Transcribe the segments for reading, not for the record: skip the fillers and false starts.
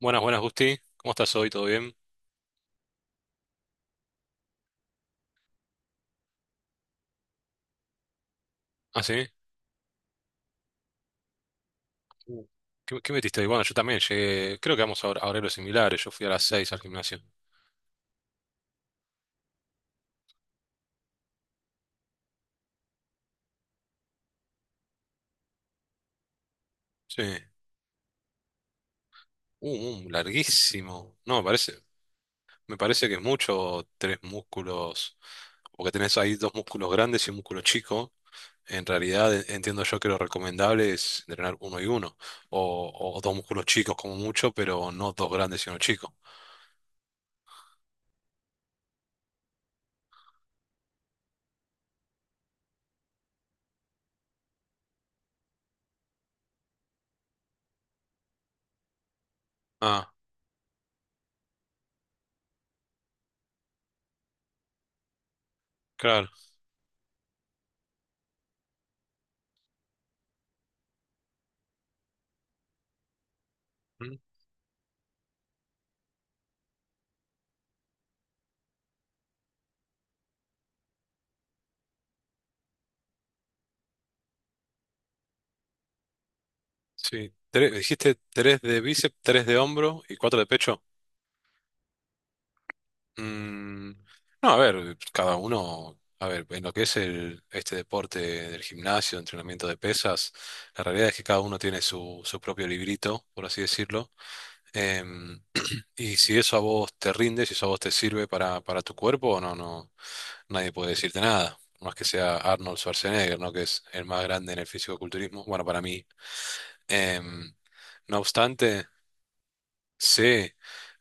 Buenas, buenas, Gusti. ¿Cómo estás hoy? ¿Todo bien? ¿Ah, sí? Mm. ¿Qué metiste hoy? Bueno, yo también llegué. Creo que vamos a horarios similares. Yo fui a las seis al gimnasio. Sí. Larguísimo. No, me parece que es mucho tres músculos. Porque tenés ahí dos músculos grandes y un músculo chico. En realidad, entiendo yo que lo recomendable es entrenar uno y uno. O dos músculos chicos como mucho, pero no dos grandes y uno chico. Ah, claro. Mm. Sí, dijiste tres de bíceps, tres de hombro y cuatro de pecho. Mm, no, a ver, cada uno, a ver, en lo que es este deporte del gimnasio, entrenamiento de pesas, la realidad es que cada uno tiene su propio librito, por así decirlo. Em, y si eso a vos te rinde, si eso a vos te sirve para tu cuerpo, no nadie puede decirte nada. Por más que sea Arnold Schwarzenegger, ¿no? Que es el más grande en el fisicoculturismo. Bueno, para mí. Em, no obstante. Sí,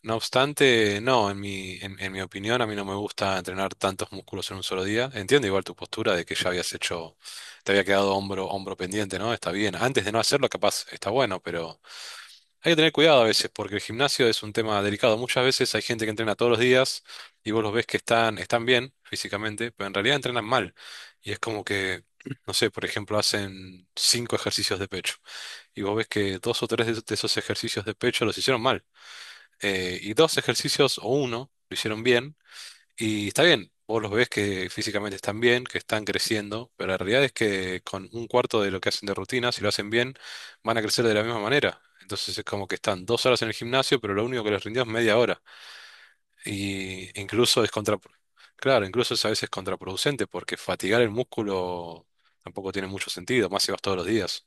no obstante, no, en mi opinión, a mí no me gusta entrenar tantos músculos en un solo día. Entiendo igual tu postura de que ya habías hecho, te había quedado hombro pendiente, ¿no? Está bien. Antes de no hacerlo, capaz está bueno, pero hay que tener cuidado a veces, porque el gimnasio es un tema delicado. Muchas veces hay gente que entrena todos los días y vos los ves que están bien físicamente, pero en realidad entrenan mal. Y es como que, no sé, por ejemplo, hacen cinco ejercicios de pecho y vos ves que dos o tres de esos ejercicios de pecho los hicieron mal, y dos ejercicios o uno lo hicieron bien. Y está bien, vos los ves que físicamente están bien, que están creciendo, pero la realidad es que con un cuarto de lo que hacen de rutina, si lo hacen bien, van a crecer de la misma manera. Entonces es como que están dos horas en el gimnasio, pero lo único que les rindió es media hora. Y incluso es contra... Claro, incluso es a veces contraproducente porque fatigar el músculo tampoco tiene mucho sentido, más si vas todos los días.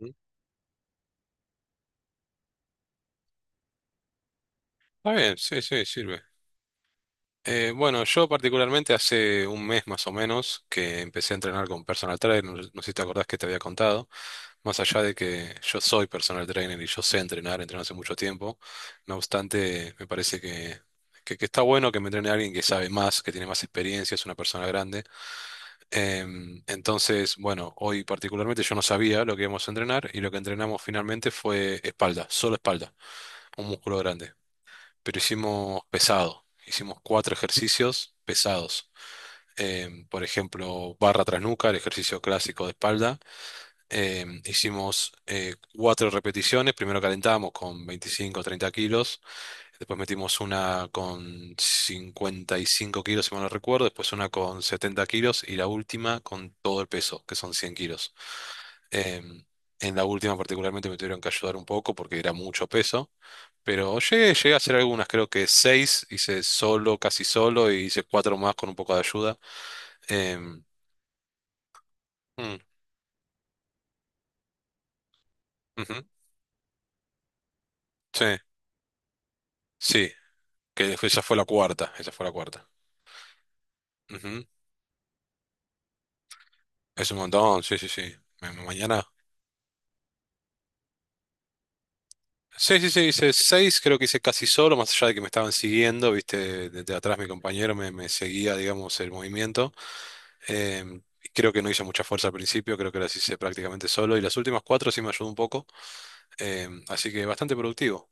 ¿Mm? Está bien, sí, sí, sirve. Bueno, yo particularmente hace un mes más o menos que empecé a entrenar con personal trainer, no sé si te acordás que te había contado, más allá de que yo soy personal trainer y yo sé entrenar, entreno hace mucho tiempo, no obstante, me parece que está bueno que me entrene alguien que sabe más, que tiene más experiencia, es una persona grande. Entonces, bueno, hoy particularmente yo no sabía lo que íbamos a entrenar y lo que entrenamos finalmente fue espalda, solo espalda, un músculo grande, pero hicimos pesado. Hicimos cuatro ejercicios pesados. Por ejemplo, barra tras nuca, el ejercicio clásico de espalda. Hicimos cuatro repeticiones. Primero calentamos con 25 o 30 kilos. Después metimos una con 55 kilos, si mal no recuerdo. Después una con 70 kilos. Y la última con todo el peso, que son 100 kilos. Em, en la última particularmente me tuvieron que ayudar un poco porque era mucho peso. Pero llegué, llegué a hacer algunas, creo que seis, hice solo, casi solo, y hice cuatro más con un poco de ayuda. Em, mm, ujú, sí, sí, que esa fue la cuarta, esa fue la cuarta. Ujú. Es un montón, sí, sí, sí. Mañana. Sí, sí, sí, hice seis, creo que hice casi solo, más allá de que me estaban siguiendo, viste, desde atrás me seguía, digamos, el movimiento. Y creo que no hice mucha fuerza al principio, creo que las hice prácticamente solo, y las últimas cuatro sí me ayudó un poco. Así que bastante productivo.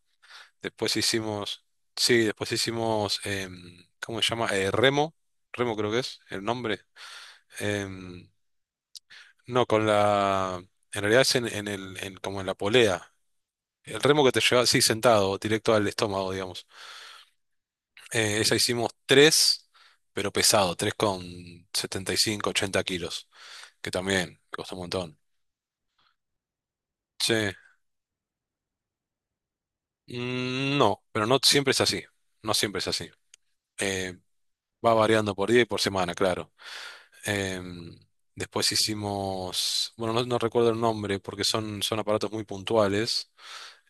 Después hicimos, sí, después hicimos, ¿cómo se llama? Remo, remo creo que es el nombre. Em, no, en realidad es como en la polea. El remo que te lleva así sentado, directo al estómago, digamos. Esa hicimos tres, pero pesado, tres con 75 80 kilos, que también costó un montón. Sí, mm, no, pero no siempre es así, no siempre es así. Eh, Va variando por día y por semana, claro. Em, Después hicimos, bueno, no recuerdo el nombre porque son aparatos muy puntuales,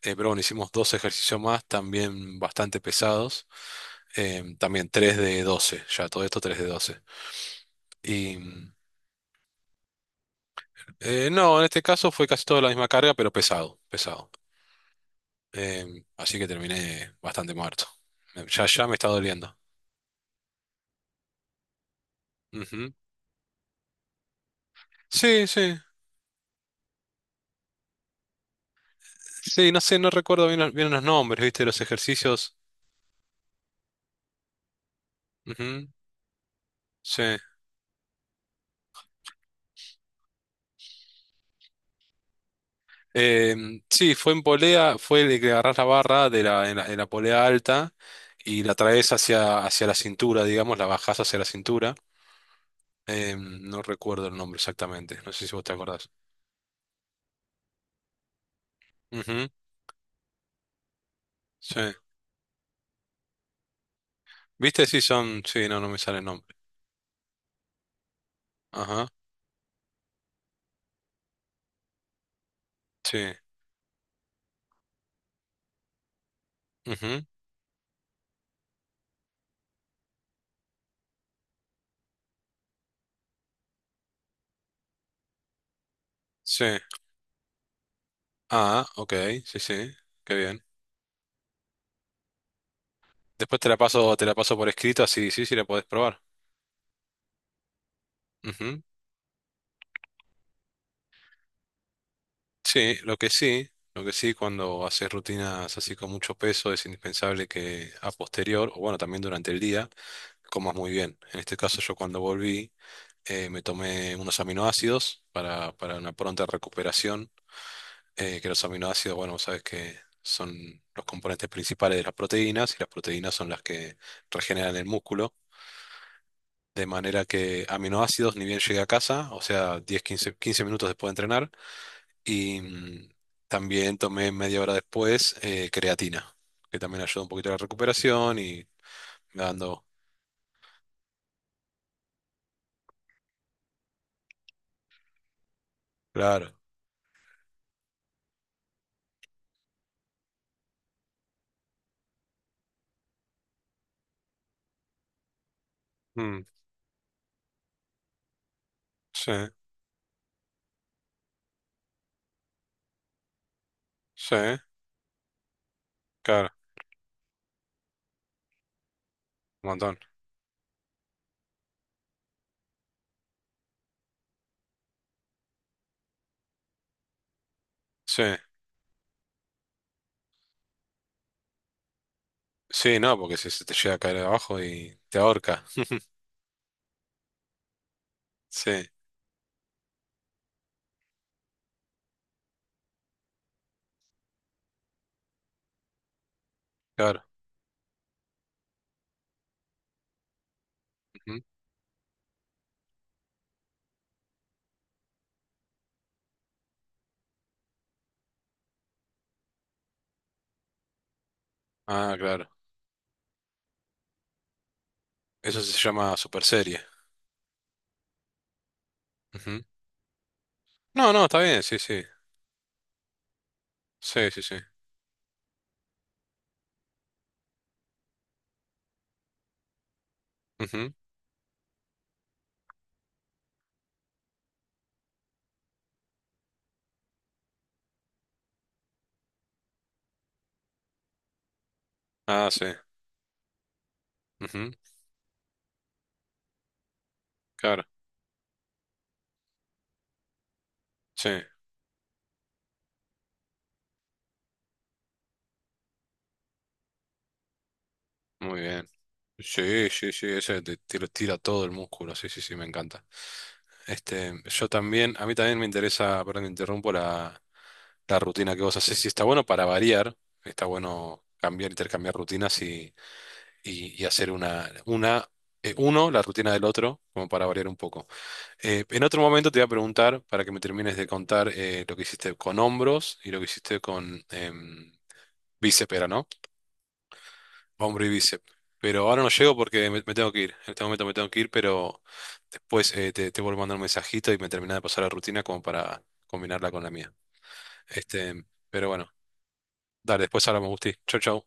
pero bueno, hicimos dos ejercicios más, también bastante pesados, también 3 de 12, ya todo esto 3 de 12. Y mm, no, en este caso fue casi toda la misma carga, pero pesado, pesado. Así que terminé bastante muerto. Ya me está doliendo. Ujú. Sí, sí, sí, no sé, no recuerdo bien los nombres, ¿viste? De los ejercicios. Ujú. Sí. Sí, fue en polea, fue el que agarrás la barra de la, en la, en la polea alta y la traes hacia la cintura, digamos, la bajás hacia la cintura. No recuerdo el nombre exactamente, no sé si vos te acordás. Ujú, sí. ¿Viste? Sí, son. Sí, no, no me sale el nombre. Ajá, sí. Ujú, sí. Ah, ok, sí, sí, qué bien. Después te la paso por escrito, así sí, sí la podés probar. Ujú. Sí, lo que sí, cuando haces rutinas así con mucho peso, es indispensable que a posterior, o bueno, también durante el día, comas muy bien. En este caso, yo cuando volví, me tomé unos aminoácidos para una pronta recuperación, que los aminoácidos, bueno, vos sabés que son los componentes principales de las proteínas, y las proteínas son las que regeneran el músculo. De manera que aminoácidos, ni bien llegué a casa, o sea, 15 minutos después de entrenar, y mm, también tomé media hora después creatina, que también ayuda un poquito a la recuperación y me va dando... Claro. Mm, sí, sí, claro, un montón. Sí, sí, no, porque si se te llega a caer abajo y te ahorca. Sí, claro. Ujú. Ah, claro. Eso se llama super serie. Ujú. No, no, está bien, sí, sí. Sí, sí, sí. Ujú. Ah, sí. Ujú, claro. Sí, muy bien. Sí, sí, sí, ese te, te lo tira todo el músculo, sí, sí, sí, me encanta. Este, yo también, a mí también me interesa, perdón, te interrumpo la rutina que vos haces. Sí, está bueno para variar, está bueno cambiar, intercambiar rutinas y hacer uno, la rutina del otro, como para variar un poco. En otro momento te voy a preguntar, para que me termines de contar lo que hiciste con hombros y lo que hiciste con bíceps, era, ¿no? Hombro y bíceps. Pero ahora no llego porque me tengo que ir. En este momento me tengo que ir, pero después te vuelvo a mandar un mensajito y me termina de pasar la rutina como para combinarla con la mía. Este, pero bueno, dale, después hablamos, Gusti. Chau, chau.